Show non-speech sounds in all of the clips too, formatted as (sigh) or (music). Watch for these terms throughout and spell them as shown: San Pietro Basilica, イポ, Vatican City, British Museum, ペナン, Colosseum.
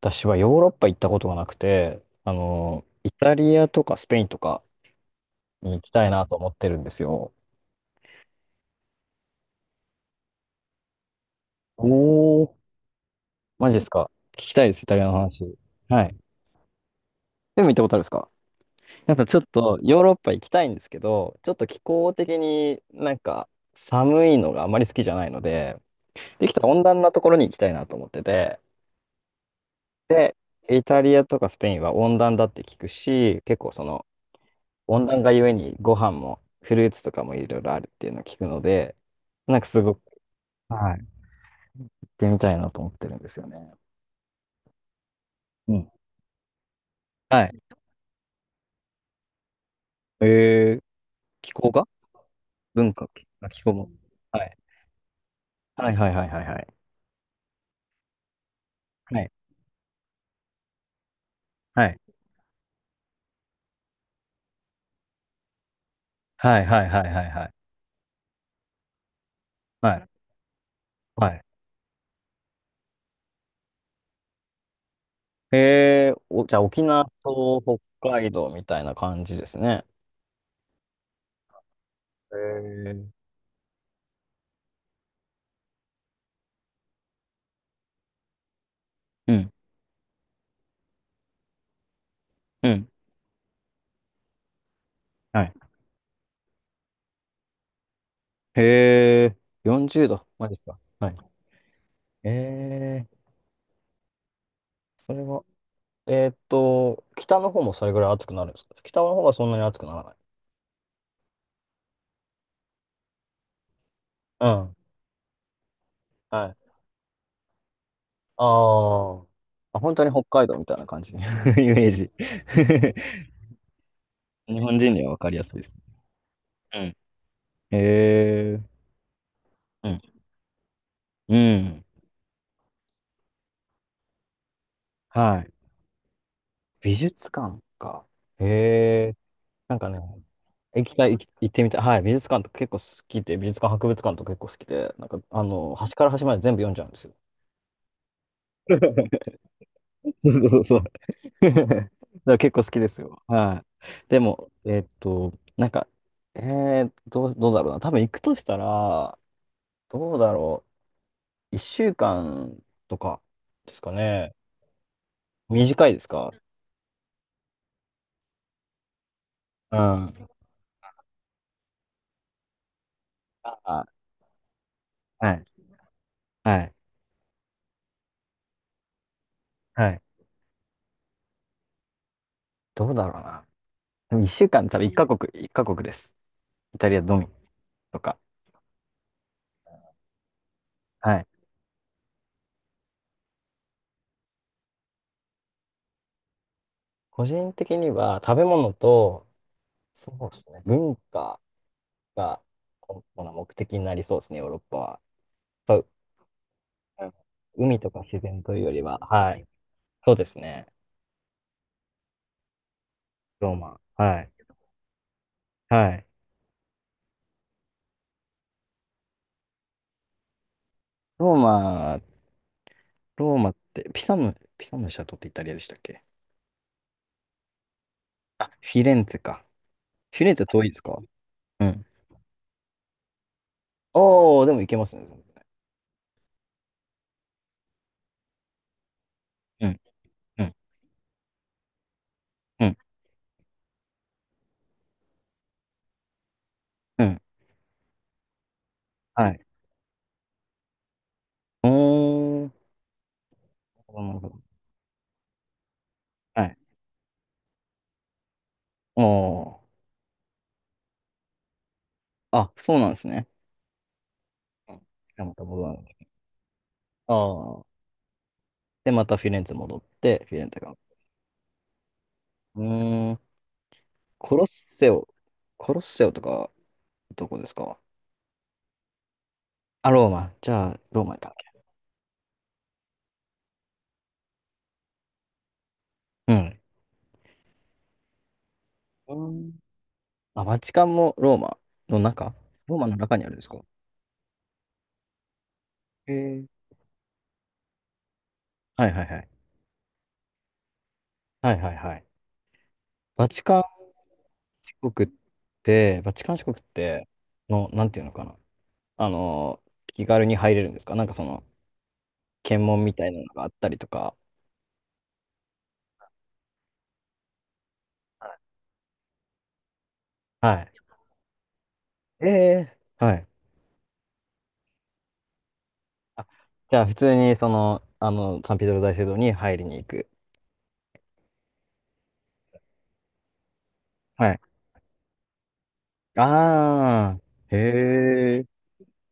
私はヨーロッパ行ったことがなくて、イタリアとかスペインとかに行きたいなと思ってるんですよ。おー、マジですか？聞きたいです、イタリアの話。はい。でも行ったことあるんですか？やっぱちょっとヨーロッパ行きたいんですけど、ちょっと気候的になんか寒いのがあまり好きじゃないので、できたら温暖なところに行きたいなと思ってて、で、イタリアとかスペインは温暖だって聞くし、結構その温暖化ゆえにご飯もフルーツとかもいろいろあるっていうのを聞くので、なんかすごく、はい、行ってみたいなと思ってるんですよね。うん。はい。えー、気候が文化、あ気候も。はい。はいはいはいはいはい。はい。はい。はいはいはいはいはい。はい。はい。お、じゃあ沖縄と北海道みたいな感じですね。えー、うん。うん。はい。へえ、40度。マジか。はい。えー、それは、北の方もそれぐらい暑くなるんですか？北の方はそんなに暑くならない。うん。はい。あーあ。あ本当に北海道みたいな感じ。(laughs) イメージ。(laughs) 日本人にはわかりやすいですね。うん。へえ。うん。うん。はい。美術館か。へえ。なんかね、行きたい、行き行ってみたい。はい。美術館とか結構好きで、美術館、博物館とか結構好きで、なんか、端から端まで全部読んじゃうんですよ。(laughs) そうそうそうそう。(laughs) だから結構好きですよ。はい。でも、なんか、どう、どうだろうな。多分行くとしたら、どうだろう。1週間とかですかね。短いですか？うん。あ、はい。はい。はい。どうだろうな。でも1週間、多分1カ国、一カ国です。イタリアのみとか。はい。個人的には食べ物と、そうですね、文化が主な目的になりそうですね、ヨーロッパは。やっぱうん海とか自然というよりは、はい。そうですね。ローマ。はい。はい。ローマ、ローマって、ピサム、ピサムのシャトってイタリアでしたっけ？あ、フィレンツェか。フィレンツェ遠いですか？うん。おー、でも行けますね。うん、うん、うん、うん。はい。おー。なるほど。はい。おー。あ、そうなんですね。うん。じゃあまた戻らない。ああ。で、またフィレンツェ戻って、フィレンツェが。うーん。コロッセオ。コロッセオとか、どこですか？あ、ローマ。じゃあ、ローマか。うん。うん。あ、バチカンもローマの中？ローマの中にあるんですか？へえ。はいはいはい。はいはいはい。バチカン市国って、バチカン市国って、の、なんていうのかな。あの気軽に入れるんですか？なんかその、検問みたいなのがあったりとか。はい。ええはい。あ、じゃあ、普通にその、サンピドロ大聖堂に入りに行く。はい。ああ、へえ。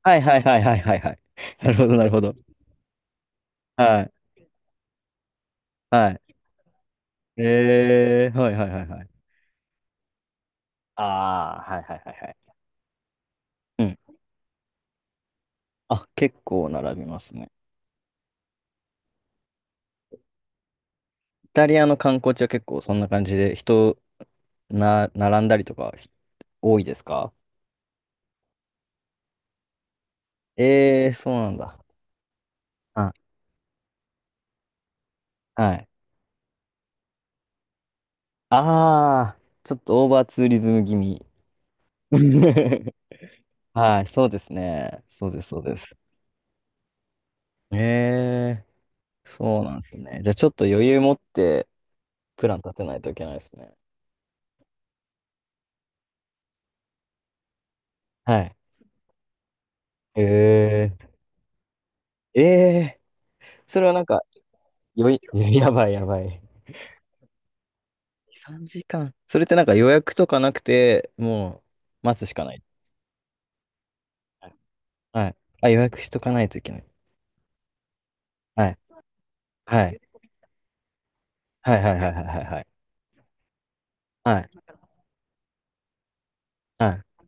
はいはいはいはいはいはい。(laughs) なるほどなるほど。はい。はい。はいはいはいはい。ああ、はいはいはいはい。うん。あ、結構並びますね。イタリアの観光地は結構そんな感じで人な、並んだりとかひ多いですか？ええー、そうなんだ。あはい。ああ、ちょっとオーバーツーリズム気味。(laughs) はい、そうですね。そうです、そうです。ええー、そうなんですね。じゃあちょっと余裕持ってプラン立てないといけないですね。はい。えええ、それはなんか、よい、(laughs) やばいやばい。3時間。それってなんか予約とかなくて、もう待つしかない。はい。はいあ、予約しとかないといけない。はい。はい。はいはいはいはいはいはい。はい。は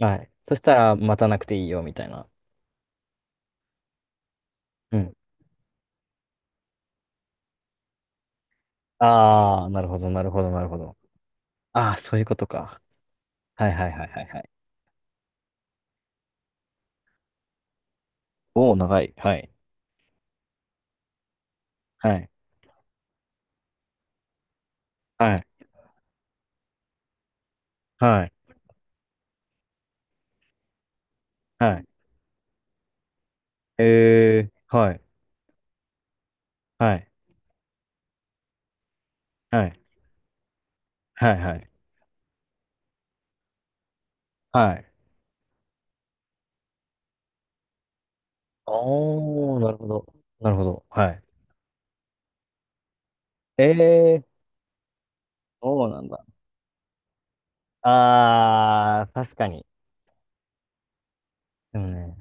い。はいそしたら待たなくていいよみたいな。うん。ああ、なるほどなるほどなるほど。ああ、そういうことか。はいはいはいはいはい。おお、長い。はい。はい。はい。はい。はい。はい。はい。はい。はい。はい。はい。おー、なるほど。なるほど。はい。ええそうなんだ。あー、確かに。でもね、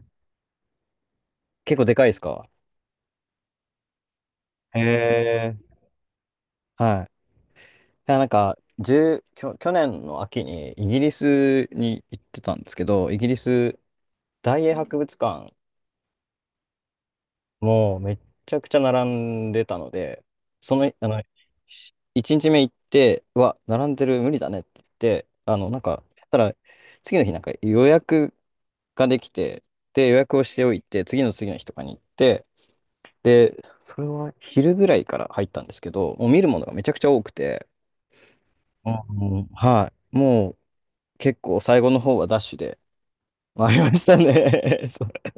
結構でかいですか？へえ。はい。いや、なんか、1きょ、去年の秋にイギリスに行ってたんですけど、イギリス大英博物館もうめっちゃくちゃ並んでたので、その、一日目行って、うわ、並んでる無理だねって言って、そしたら、次の日なんか予約ができて、で、予約をしておいて、次の次の日とかに行って、で、それは昼ぐらいから入ったんですけど、もう見るものがめちゃくちゃ多くて、うんはい、もう結構最後の方はダッシュで回りましたね。(laughs)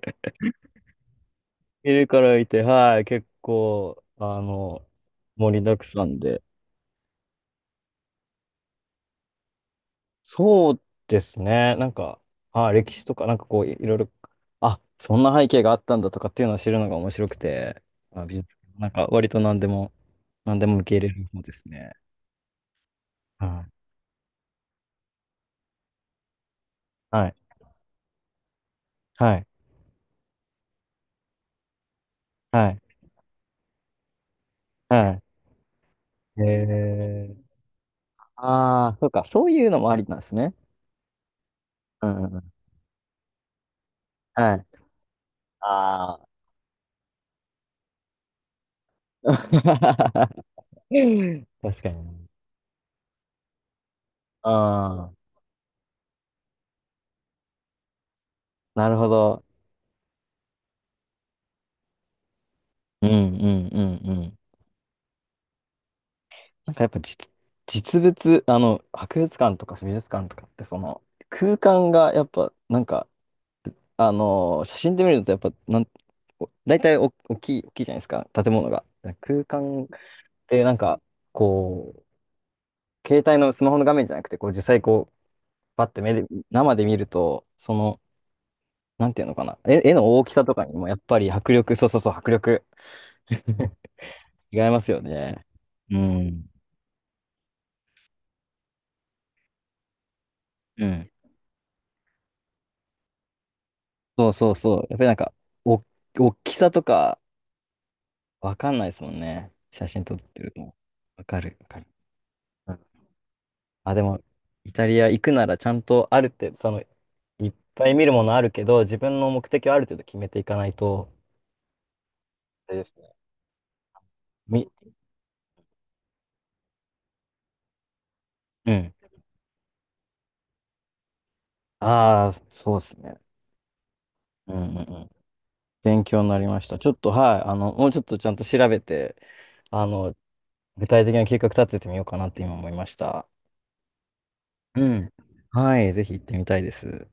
見るからいて、はい、結構、盛りだくさんで。そうですね、なんか、はい、歴史とか、なんかこう、いいろいろ、あ、そんな背景があったんだとかっていうのを知るのが面白くて、まあ、美術、なんか割と何でも、何でも受け入れる方ですね。はい、はい、はい、はい、はい。ああ、そうか、そういうのもありなんですね。うんうんうん、はい。ああ。(laughs) 確かに。ああ、なるほど。うんうんうんうん。なんかやっぱ実、実物、博物館とか美術館とかってその空間がやっぱなんか、写真で見るとやっぱなん、お大体お大きい、大きいじゃないですか、建物が。空間ってなんか、こう、携帯のスマホの画面じゃなくて、こう実際こう、パッて目で、生で見ると、その、なんていうのかな、絵、絵の大きさとかにもやっぱり迫力、そうそうそう、迫力 (laughs) 違いますよね。うん。うんそうそうそう。やっぱりなんか、お、大きさとかわかんないですもんね。写真撮ってると。わかる、わかる。うんあ、でも、イタリア行くならちゃんとある程度、その、いっぱい見るものあるけど、自分の目的をある程度決めていかないと、あれですね。み、うん。ああ、そうですね。うんうんうん。勉強になりました。ちょっと、はい。もうちょっとちゃんと調べて、あの、具体的な計画立ててみようかなって今思いました。うん。はい。ぜひ行ってみたいです。